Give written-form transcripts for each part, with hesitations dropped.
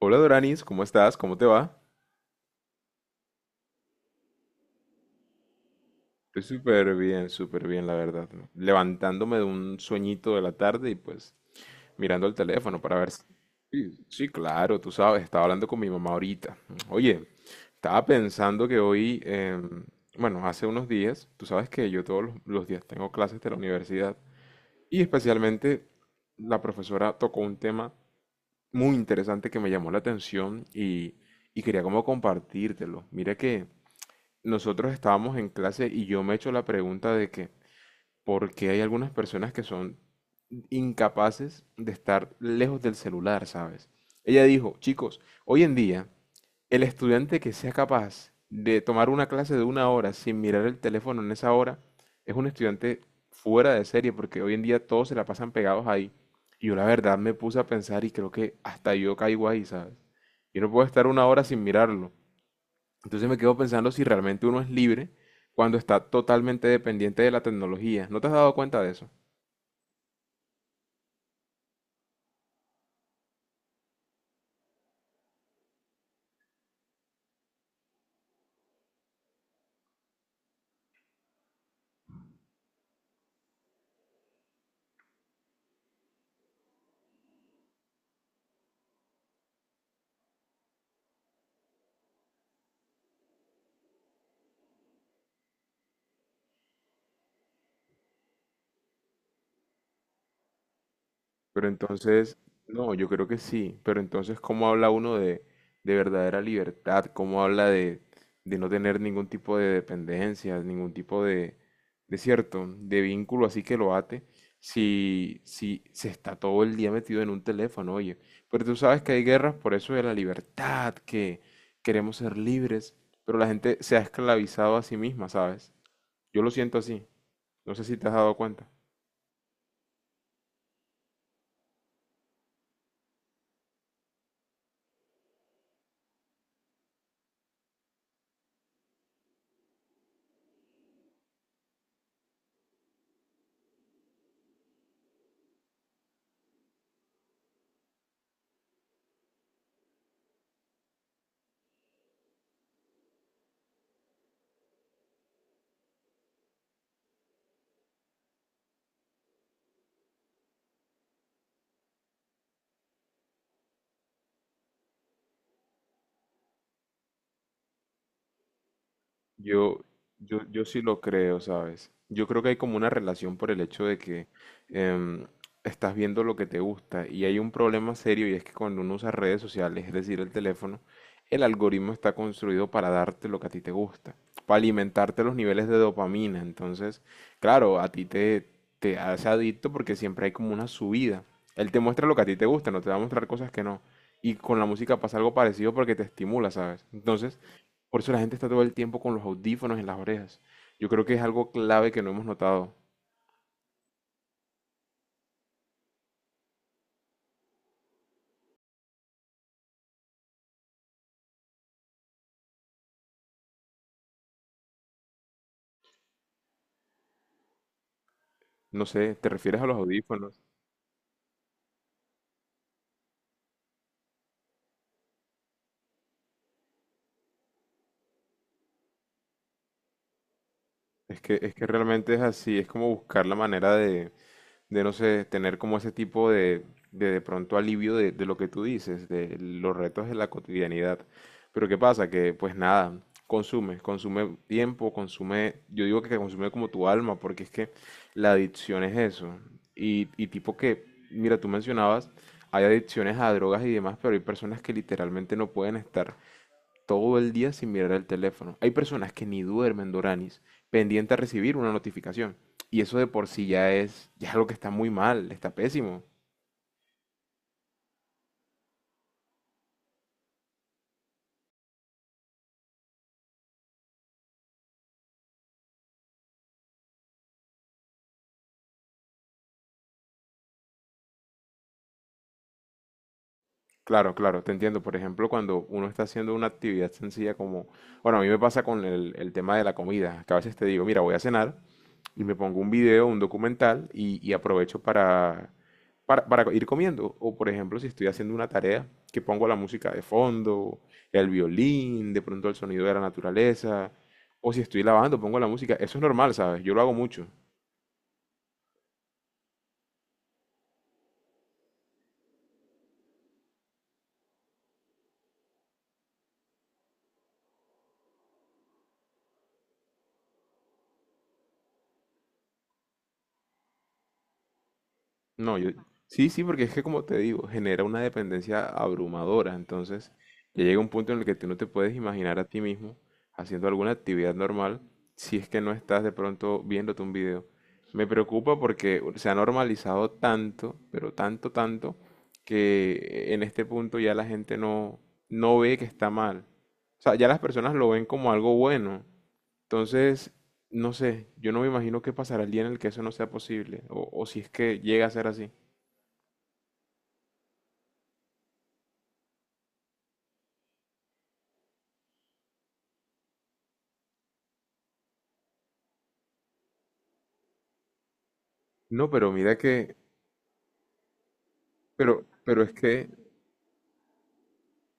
Hola Doranis, ¿cómo estás? ¿Cómo te va? Estoy súper bien, la verdad. ¿No? Levantándome de un sueñito de la tarde y pues mirando el teléfono para ver si... Sí, sí, claro, tú sabes, estaba hablando con mi mamá ahorita. Oye, estaba pensando que hoy, bueno, hace unos días, tú sabes que yo todos los días tengo clases de la universidad y especialmente la profesora tocó un tema muy interesante que me llamó la atención y quería como compartírtelo. Mira que... nosotros estábamos en clase y yo me he hecho la pregunta de que, ¿por qué hay algunas personas que son incapaces de estar lejos del celular, ¿sabes? Ella dijo, chicos, hoy en día, el estudiante que sea capaz de tomar una clase de 1 hora sin mirar el teléfono en esa hora, es un estudiante fuera de serie, porque hoy en día todos se la pasan pegados ahí. Y yo la verdad me puse a pensar y creo que hasta yo caigo ahí, ¿sabes? Yo no puedo estar 1 hora sin mirarlo. Entonces me quedo pensando si realmente uno es libre cuando está totalmente dependiente de la tecnología. ¿No te has dado cuenta de eso? Pero entonces, no, yo creo que sí, pero entonces, ¿cómo habla uno de verdadera libertad? ¿Cómo habla de no tener ningún tipo de dependencia, ningún tipo de cierto, de vínculo así que lo ate, si se está todo el día metido en un teléfono, oye? Pero tú sabes que hay guerras por eso de la libertad, que queremos ser libres, pero la gente se ha esclavizado a sí misma, ¿sabes? Yo lo siento así, no sé si te has dado cuenta. Yo, yo sí lo creo, ¿sabes? Yo creo que hay como una relación por el hecho de que em, estás viendo lo que te gusta y hay un problema serio y es que cuando uno usa redes sociales, es decir, el teléfono, el algoritmo está construido para darte lo que a ti te gusta, para alimentarte los niveles de dopamina. Entonces, claro, te hace adicto porque siempre hay como una subida. Él te muestra lo que a ti te gusta, no te va a mostrar cosas que no. Y con la música pasa algo parecido porque te estimula, ¿sabes? Entonces... Por eso la gente está todo el tiempo con los audífonos en las orejas. Yo creo que es algo clave que no hemos notado. No sé, ¿te refieres a los audífonos? Es que realmente es así, es como buscar la manera de no sé, tener como ese tipo de de pronto alivio de lo que tú dices, de los retos de la cotidianidad. Pero ¿qué pasa? Que pues nada, consume, consume tiempo, consume, yo digo que consume como tu alma, porque es que la adicción es eso. Y tipo que, mira, tú mencionabas, hay adicciones a drogas y demás, pero hay personas que literalmente no pueden estar todo el día sin mirar el teléfono. Hay personas que ni duermen, Doranis, pendiente a recibir una notificación. Y eso de por sí ya es algo que está muy mal, está pésimo. Claro, claro, te entiendo. Por ejemplo, cuando uno está haciendo una actividad sencilla como, bueno, a mí me pasa con el tema de la comida, que a veces te digo, mira, voy a cenar y me pongo un video, un documental y aprovecho para, para ir comiendo. O por ejemplo, si estoy haciendo una tarea, que pongo la música de fondo, el violín, de pronto el sonido de la naturaleza, o si estoy lavando, pongo la música. Eso es normal, ¿sabes? Yo lo hago mucho. No, yo, sí, sí, porque es que como te digo, genera una dependencia abrumadora, entonces ya llega un punto en el que tú no te puedes imaginar a ti mismo haciendo alguna actividad normal si es que no estás de pronto viéndote un video. Me preocupa porque se ha normalizado tanto, pero tanto, tanto, que en este punto ya la gente no, no ve que está mal. O sea, ya las personas lo ven como algo bueno. Entonces, no sé, yo no me imagino qué pasará el día en el que eso no sea posible, o si es que llega a ser así. No, pero mira que, pero es que,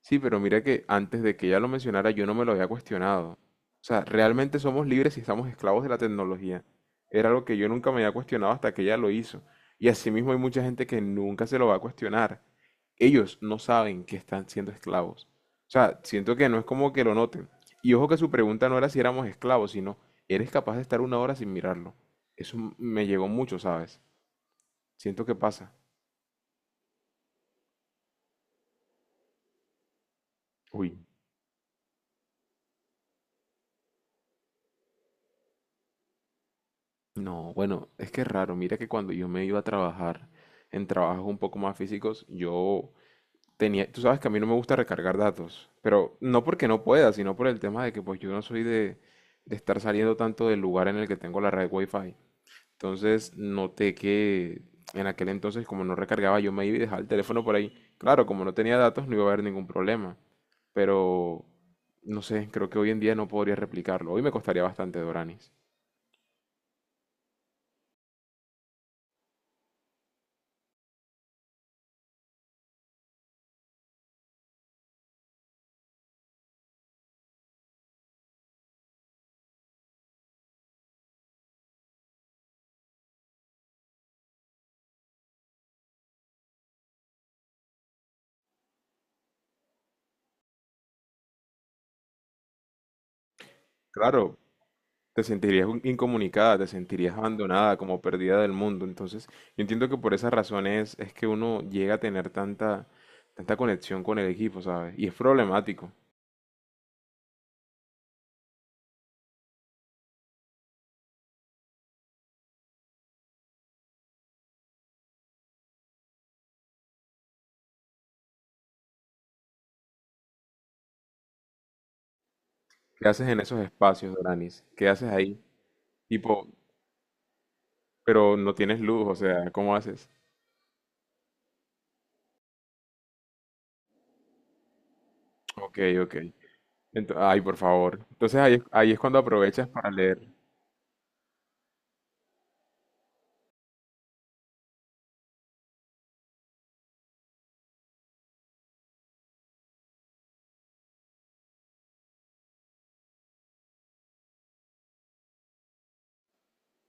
sí, pero mira que antes de que ella lo mencionara yo no me lo había cuestionado. O sea, realmente somos libres y estamos esclavos de la tecnología. Era algo que yo nunca me había cuestionado hasta que ella lo hizo. Y asimismo hay mucha gente que nunca se lo va a cuestionar. Ellos no saben que están siendo esclavos. O sea, siento que no es como que lo noten. Y ojo que su pregunta no era si éramos esclavos, sino, ¿eres capaz de estar 1 hora sin mirarlo? Eso me llegó mucho, ¿sabes? Siento que pasa. Uy. No, bueno, es que es raro. Mira que cuando yo me iba a trabajar en trabajos un poco más físicos, yo tenía, tú sabes que a mí no me gusta recargar datos, pero no porque no pueda, sino por el tema de que pues yo no soy de estar saliendo tanto del lugar en el que tengo la red Wi-Fi. Entonces noté que en aquel entonces como no recargaba, yo me iba y dejaba el teléfono por ahí. Claro, como no tenía datos no iba a haber ningún problema, pero no sé, creo que hoy en día no podría replicarlo. Hoy me costaría bastante, Doranis. Claro, te sentirías incomunicada, te sentirías abandonada, como perdida del mundo. Entonces, yo entiendo que por esas razones es que uno llega a tener tanta, tanta conexión con el equipo, ¿sabes? Y es problemático. ¿Qué haces en esos espacios, Doranis? ¿Qué haces ahí? Tipo, pero no tienes luz, o sea, ¿cómo haces? Ok, ok. Ay, por favor. Entonces ahí, ahí es cuando aprovechas para leer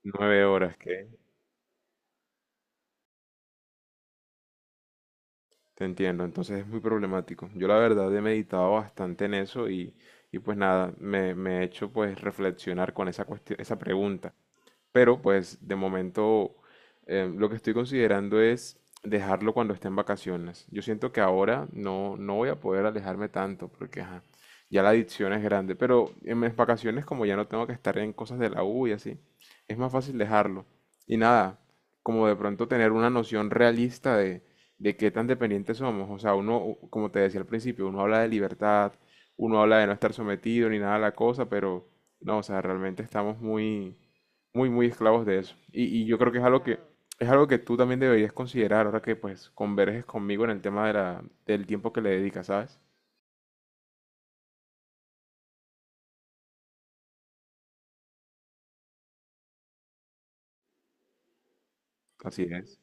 9 horas, ¿qué? Te entiendo, entonces es muy problemático. Yo la verdad he meditado bastante en eso y pues nada, me he hecho pues reflexionar con esa cuestión, esa pregunta. Pero pues de momento lo que estoy considerando es dejarlo cuando esté en vacaciones. Yo siento que ahora no, no voy a poder alejarme tanto porque ajá, ya la adicción es grande. Pero en mis vacaciones como ya no tengo que estar en cosas de la U y así, es más fácil dejarlo. Y nada, como de pronto tener una noción realista de qué tan dependientes somos. O sea, uno, como te decía al principio, uno habla de libertad, uno habla de no estar sometido ni nada a la cosa, pero no, o sea, realmente estamos muy muy, muy esclavos de eso. Y yo creo que es algo que, es algo que tú también deberías considerar ahora que pues converges conmigo en el tema de la, del tiempo que le dedicas, ¿sabes? Así es.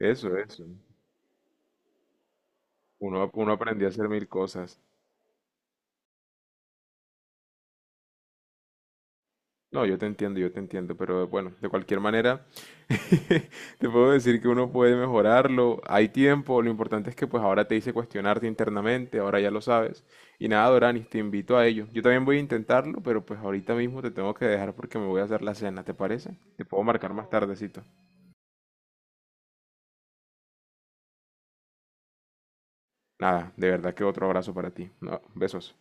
Eso, eso. Uno, uno aprendió a hacer 1000 cosas. No, yo te entiendo, pero bueno, de cualquier manera, te puedo decir que uno puede mejorarlo, hay tiempo, lo importante es que pues ahora te hice cuestionarte internamente, ahora ya lo sabes. Y nada, Doranis, te invito a ello. Yo también voy a intentarlo, pero pues ahorita mismo te tengo que dejar porque me voy a hacer la cena, ¿te parece? Te puedo marcar más tardecito. Nada, de verdad que otro abrazo para ti. No, besos.